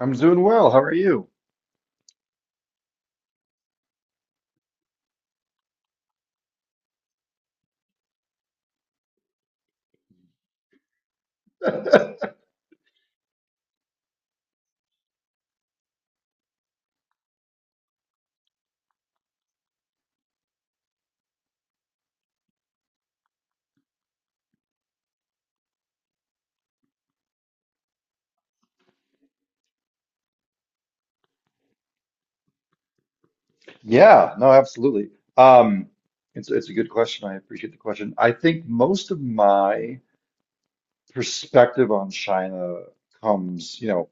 I'm doing well. How are you? Yeah, no, absolutely. Um, it's a good question. I appreciate the question. I think most of my perspective on China comes, you know,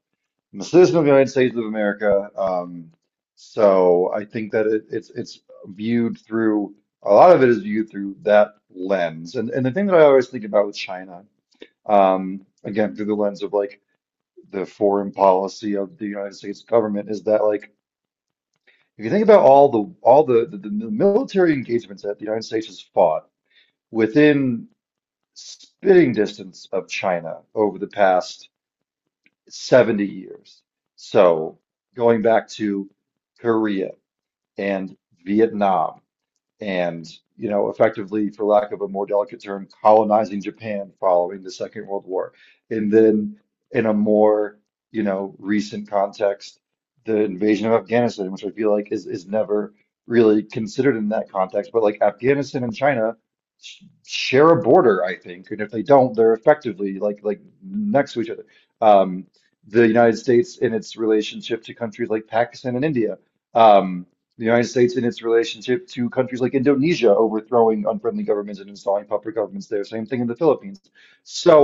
I'm a citizen of the United States of America. So I think that it's viewed through a lot of it is viewed through that lens. And the thing that I always think about with China, again, through the lens of like the foreign policy of the United States government is that like if you think about all the military engagements that the United States has fought within spitting distance of China over the past 70 years. So going back to Korea and Vietnam, and you know, effectively, for lack of a more delicate term, colonizing Japan following the Second World War, and then in a more, you know, recent context, the invasion of Afghanistan, which I feel like is never really considered in that context. But like Afghanistan and China sh share a border, I think, and if they don't, they're effectively like next to each other. um the United States in its relationship to countries like Pakistan and India. Um, the United States in its relationship to countries like Indonesia, overthrowing unfriendly governments and installing puppet governments there. Same thing in the Philippines. So,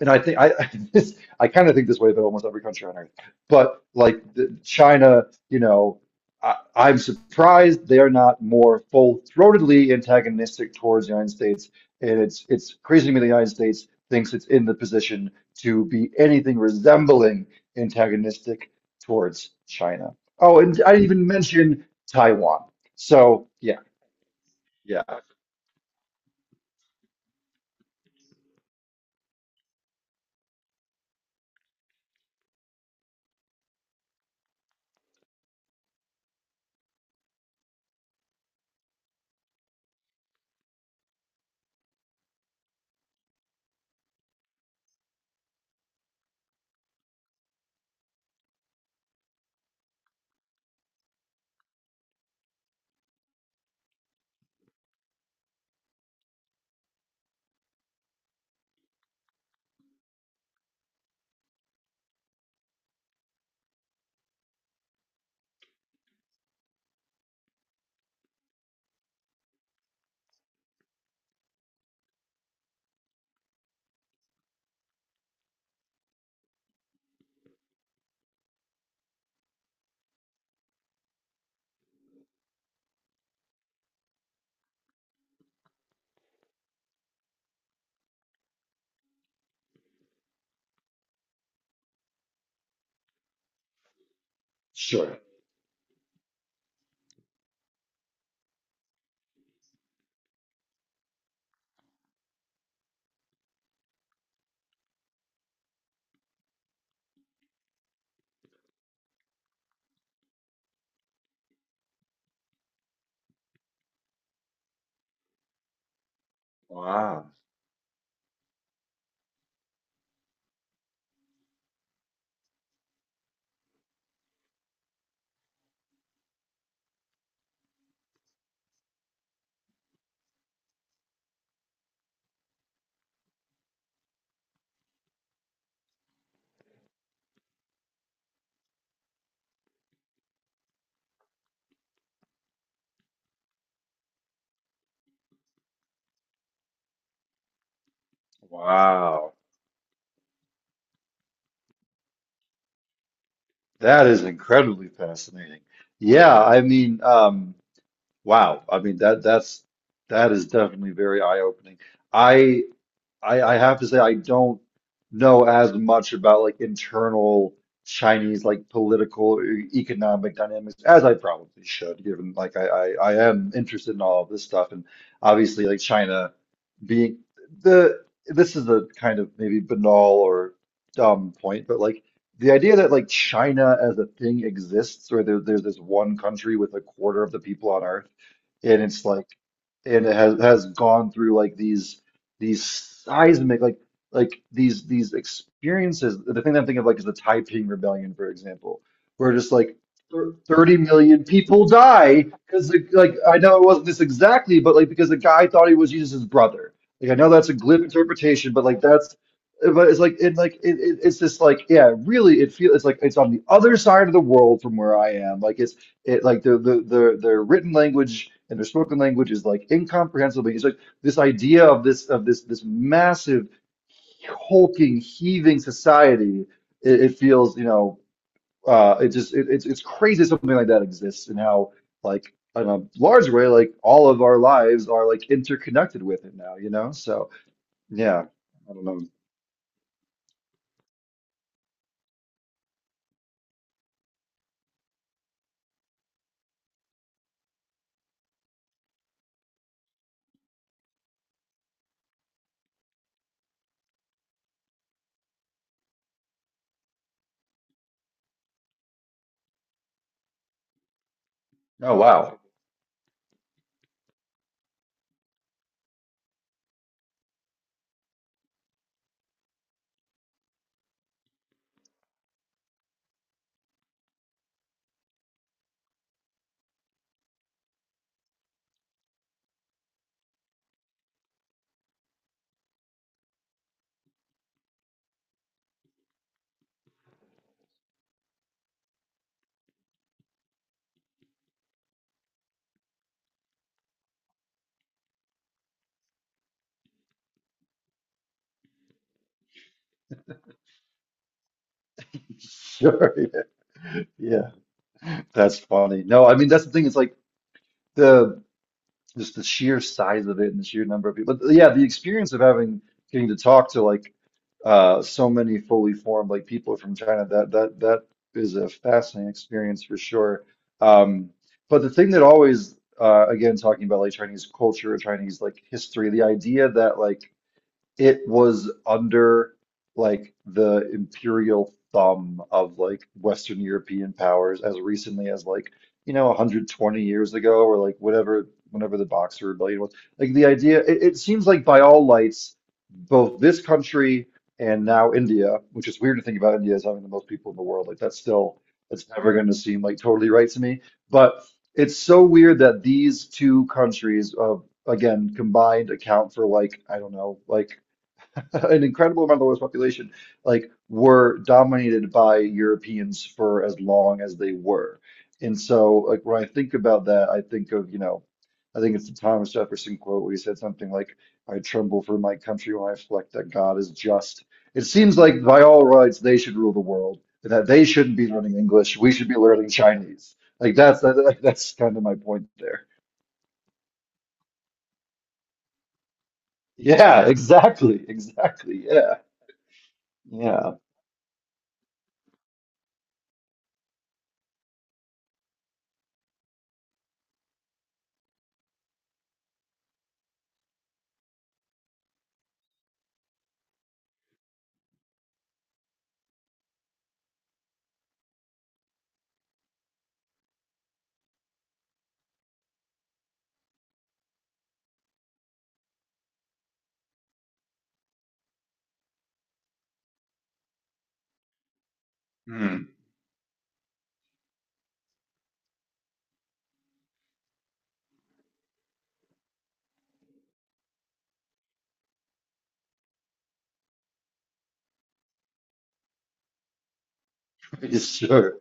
and I think this, I kind of think this way about almost every country on earth. But like, the, China, you know, I, I'm surprised they're not more full-throatedly antagonistic towards the United States. And it's crazy to me the United States thinks it's in the position to be anything resembling antagonistic towards China. Oh, and I didn't even mention Taiwan. So yeah, yeah, sure. Wow. Wow. That is incredibly fascinating. Yeah, I mean, wow. I mean that's that is definitely very eye-opening. I. I have to say I don't know as much about like internal Chinese like political or economic dynamics as I probably should, given like I am interested in all of this stuff, and obviously like China being the, this is a kind of maybe banal or dumb point, but like the idea that like China as a thing exists. Or there's this one country with a quarter of the people on Earth, and it's like, and it has gone through like these seismic like like these experiences. The thing that I'm thinking of like is the Taiping Rebellion, for example, where just like 30 million people die because, like, I know it wasn't this exactly, but like because the guy thought he was Jesus' brother. Like I know that's a glib interpretation, but like that's, but it's like it like it's this like, yeah, really, it feels it's like it's on the other side of the world from where I am, like it's, it like the their written language and their spoken language is like incomprehensible. It's like this idea of this of this massive, hulking, heaving society. It feels, you know, it just it, it's crazy something like that exists, and how, like, in a large way, like all of our lives are like interconnected with it now, you know? So yeah, I don't know. Oh wow. Sure. Yeah. That's funny. No, I mean, that's the thing. It's like, the, just the sheer size of it and the sheer number of people. But yeah, the experience of having, getting to talk to like so many fully formed like people from China, that is a fascinating experience for sure. Um, but the thing that always again, talking about like Chinese culture or Chinese like history, the idea that like it was under like the imperial thumb of like Western European powers as recently as like, you know, 120 years ago, or like whatever, whenever the Boxer Rebellion was. Like the idea, it seems like by all lights, both this country, and now India, which is weird to think about India as having the most people in the world. Like that's still, that's never going to seem like totally right to me. But it's so weird that these two countries, of, again, combined account for like, I don't know, like an incredible amount of the world's population, like, were dominated by Europeans for as long as they were. And so, like, when I think about that, I think of, you know, I think it's the Thomas Jefferson quote where he said something like, "I tremble for my country when I reflect that God is just." It seems like by all rights they should rule the world, and that they shouldn't be learning English. We should be learning Chinese. Like that's kind of my point there. Yeah, exactly, exactly. Yeah, yeah. Hmm. sure.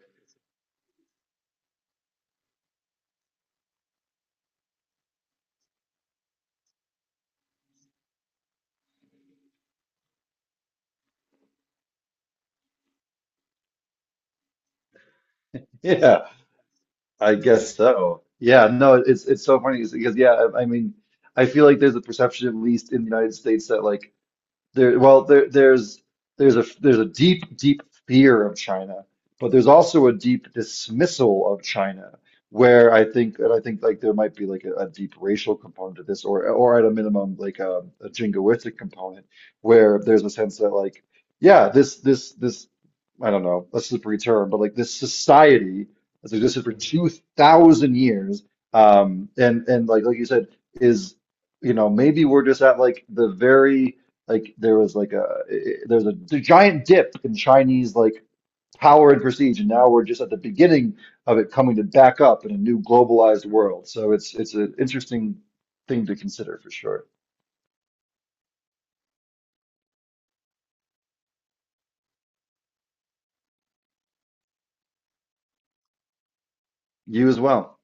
Yeah, I guess so. Yeah, no, it's so funny because yeah, I mean, I feel like there's a perception, at least in the United States, that like well, there's a there's a deep, deep fear of China, but there's also a deep dismissal of China, where I think, and I think like there might be like a deep racial component to this, or at a minimum like a jingoistic component, where there's a sense that like, yeah, this I don't know, that's a slippery term, but like this society that's existed for 2,000 years, and and like you said, is, you know, maybe we're just at like the very, like there was like there's a, the giant dip in Chinese like power and prestige, and now we're just at the beginning of it coming to back up in a new globalized world. So it's an interesting thing to consider for sure. You as well.